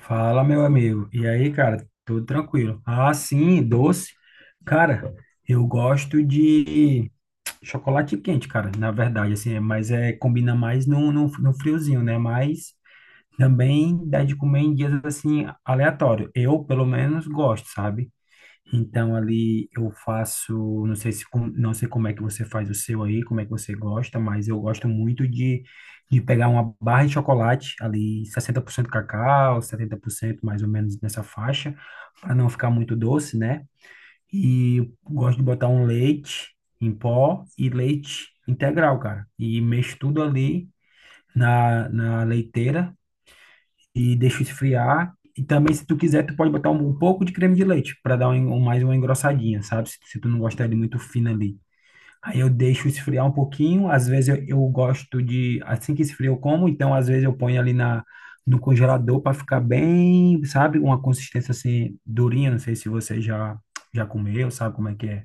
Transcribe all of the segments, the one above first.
Fala, meu amigo. E aí, cara, tudo tranquilo? Ah, sim, doce. Cara, eu gosto de chocolate quente, cara, na verdade, assim, mas é, combina mais no friozinho, né? Mas também dá de comer em dias, assim, aleatório. Eu, pelo menos, gosto, sabe? Então ali eu faço, não sei como é que você faz o seu aí, como é que você gosta, mas eu gosto muito de pegar uma barra de chocolate ali, 60% cacau, 70% mais ou menos nessa faixa, para não ficar muito doce, né? E gosto de botar um leite em pó e leite integral, cara. E mexo tudo ali na leiteira e deixa esfriar. E também, se tu quiser, tu pode botar um pouco de creme de leite para dar mais uma engrossadinha, sabe? Se tu não gostar de muito fino ali. Aí eu deixo esfriar um pouquinho. Às vezes eu gosto de, assim que esfria eu como, então às vezes eu ponho ali no congelador para ficar bem, sabe? Uma consistência assim durinha. Não sei se você já comeu, sabe como é que é.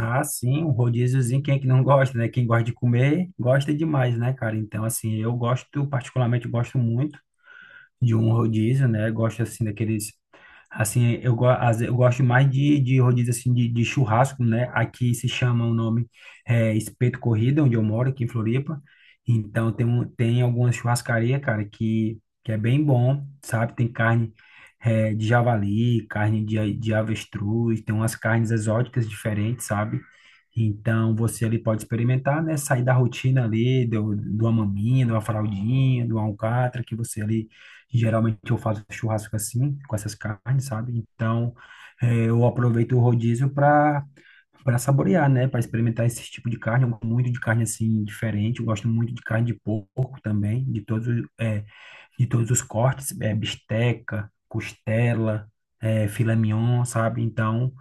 Ah, sim, um rodíziozinho, quem é que não gosta, né? Quem gosta de comer, gosta demais, né, cara? Então, assim, eu gosto, particularmente gosto muito de um rodízio, né? Gosto assim daqueles assim, eu gosto mais de rodízio assim de churrasco, né? Aqui se chama o nome Espeto Corrida, onde eu moro, aqui em Floripa. Então tem um, tem algumas churrascarias, cara, que é bem bom, sabe? Tem carne de javali, carne de avestruz, tem umas carnes exóticas diferentes, sabe? Então você ali pode experimentar, né? Sair da rotina ali, do, de uma maminha, de uma fraldinha, de uma alcatra, que você ali e geralmente eu faço churrasco assim, com essas carnes, sabe? Então, eu aproveito o rodízio para saborear, né? Para experimentar esse tipo de carne. Eu gosto muito de carne assim diferente. Eu gosto muito de carne de porco também, de todos os cortes, bisteca, costela, filé mignon, sabe? Então,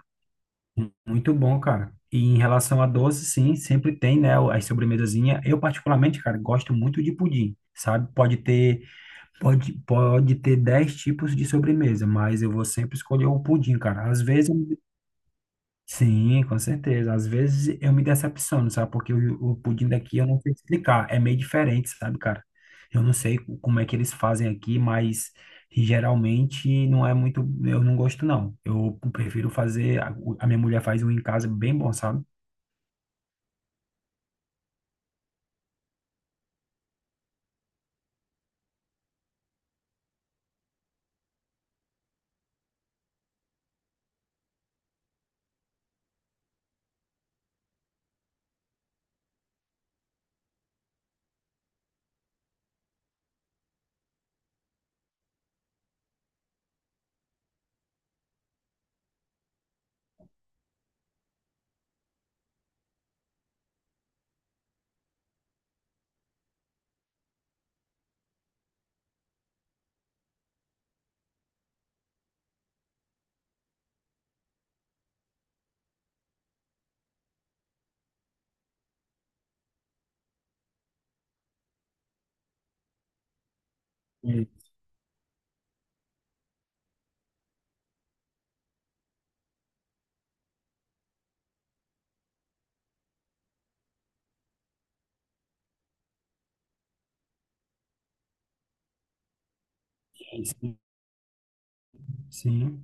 muito bom, cara. E em relação a doce, sim, sempre tem, né? As sobremesazinhas. Eu, particularmente, cara, gosto muito de pudim, sabe? Pode ter. Pode ter 10 tipos de sobremesa, mas eu vou sempre escolher o pudim, cara. Às vezes, eu me- Sim, com certeza. Às vezes eu me decepciono, sabe? Porque o pudim daqui eu não sei explicar. É meio diferente, sabe, cara? Eu não sei como é que eles fazem aqui, mas geralmente não é muito. Eu não gosto, não. Eu prefiro fazer. A minha mulher faz um em casa bem bom, sabe? Hum. Sim.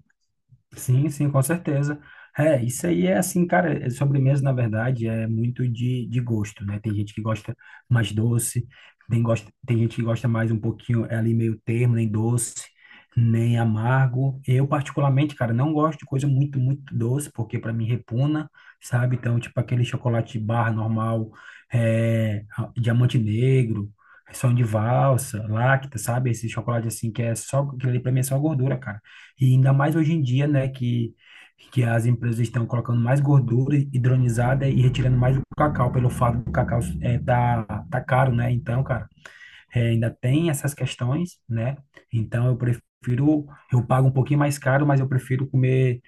Sim, sim, com certeza. É, isso aí é assim, cara, é sobremesa, na verdade, é muito de gosto, né? Tem gente que gosta mais doce, tem gente que gosta mais um pouquinho, é ali meio termo, nem doce, nem amargo. Eu, particularmente, cara, não gosto de coisa muito, muito doce, porque para mim repugna, sabe? Então, tipo aquele chocolate barra normal, diamante negro, som de valsa, lacta, sabe? Esse chocolate assim que é só, que ali pra mim é só gordura, cara. E ainda mais hoje em dia, né, que as empresas estão colocando mais gordura hidronizada e retirando mais o cacau, pelo fato do cacau tá caro, né? Então, cara, ainda tem essas questões, né? Então, eu prefiro, eu pago um pouquinho mais caro, mas eu prefiro comer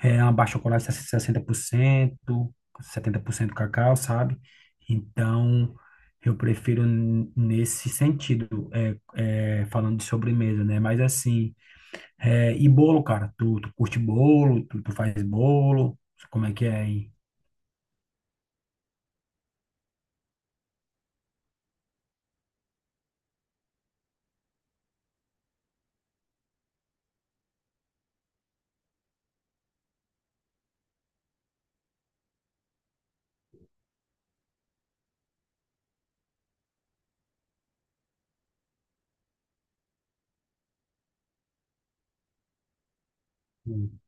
uma barra de chocolate 60%, 70% cacau, sabe? Então, eu prefiro nesse sentido, falando de sobremesa, né? Mas assim. É, e bolo, cara? Tu curte bolo? Tu faz bolo? Como é que é aí? Sim,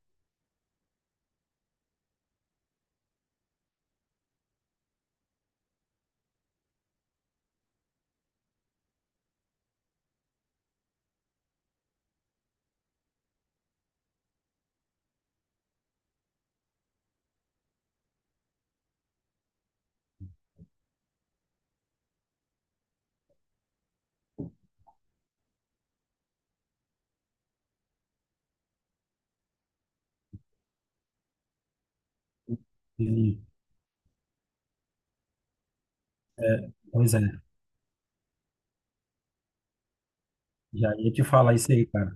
sim. É, pois é, já ia te falar isso aí, cara.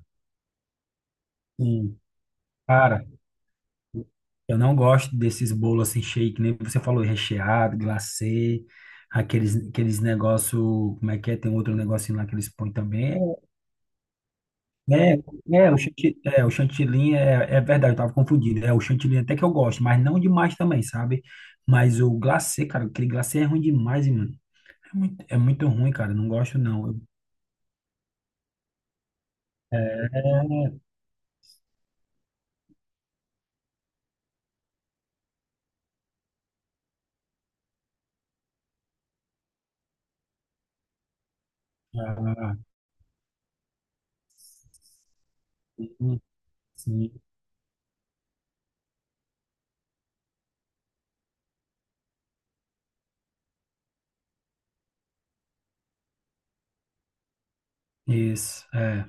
Sim. Cara, eu não gosto desses bolos assim cheio, nem você falou, recheado, glacê, aqueles negócio, como é que é? Tem outro negocinho lá que eles põem também. É, é, o chantilly, é verdade, eu tava confundindo. É, o chantilly até que eu gosto, mas não demais também, sabe? Mas o glacê, cara, aquele glacê é ruim demais. É muito ruim, cara. Não gosto, não. É, ah, sim, sim. Isso. É.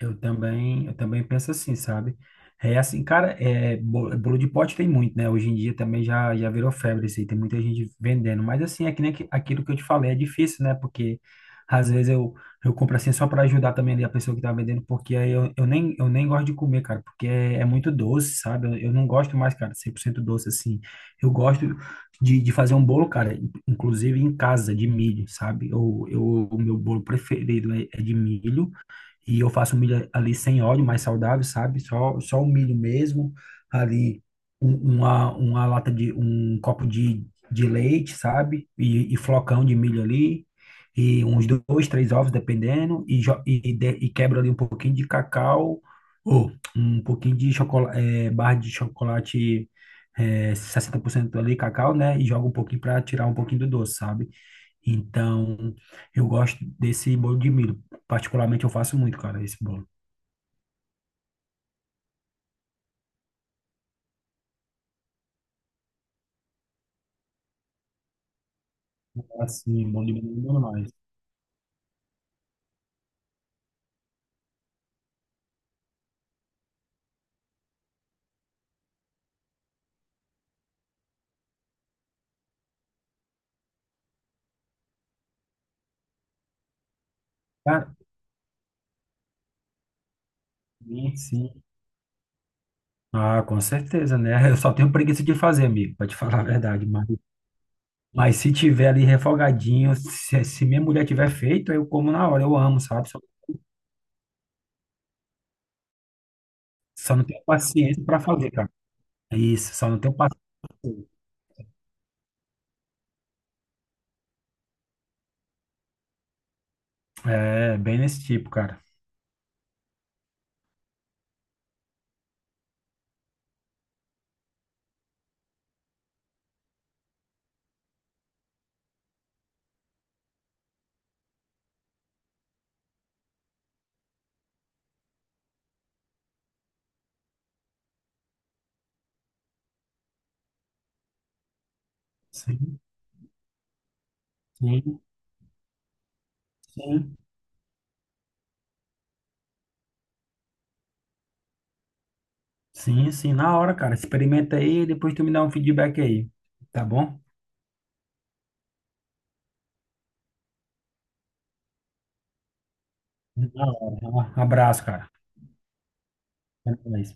Eu também penso assim, sabe? É assim, cara, bolo de pote tem muito, né? Hoje em dia também já virou febre isso aí, tem muita gente vendendo. Mas assim, é que nem aquilo que eu te falei, é difícil, né? Porque às vezes eu compro assim só para ajudar também ali a pessoa que tá vendendo, porque aí eu nem gosto de comer, cara, porque é muito doce, sabe? Eu não gosto mais, cara, 100% doce assim. Eu gosto de fazer um bolo, cara, inclusive em casa, de milho, sabe? O meu bolo preferido é de milho. E eu faço um milho ali sem óleo, mais saudável, sabe? Só o milho mesmo. Ali uma lata de um copo de leite, sabe? E flocão de milho ali. E uns dois, três ovos, dependendo. E quebro ali um pouquinho de cacau. Ou um pouquinho de chocolate, barra de chocolate 60% ali, cacau, né? E jogo um pouquinho para tirar um pouquinho do doce, sabe? Então, eu gosto desse bolo de milho. Particularmente, eu faço muito, cara, esse bolo. Assim, bolo de milho demais. Cara, sim, sim. Ah, com certeza, né? Eu só tenho preguiça de fazer, amigo, pra te falar a verdade. Mas se tiver ali refogadinho, se minha mulher tiver feito, eu como na hora. Eu amo, sabe? Só não tenho paciência pra fazer, cara. Isso, só não tenho paciência. É, bem nesse tipo, cara. Sim, sim, sim. Sim, sim, na hora, cara. Experimenta aí e depois tu me dá um feedback aí. Tá bom? Da hora. Um abraço, cara. Até mais.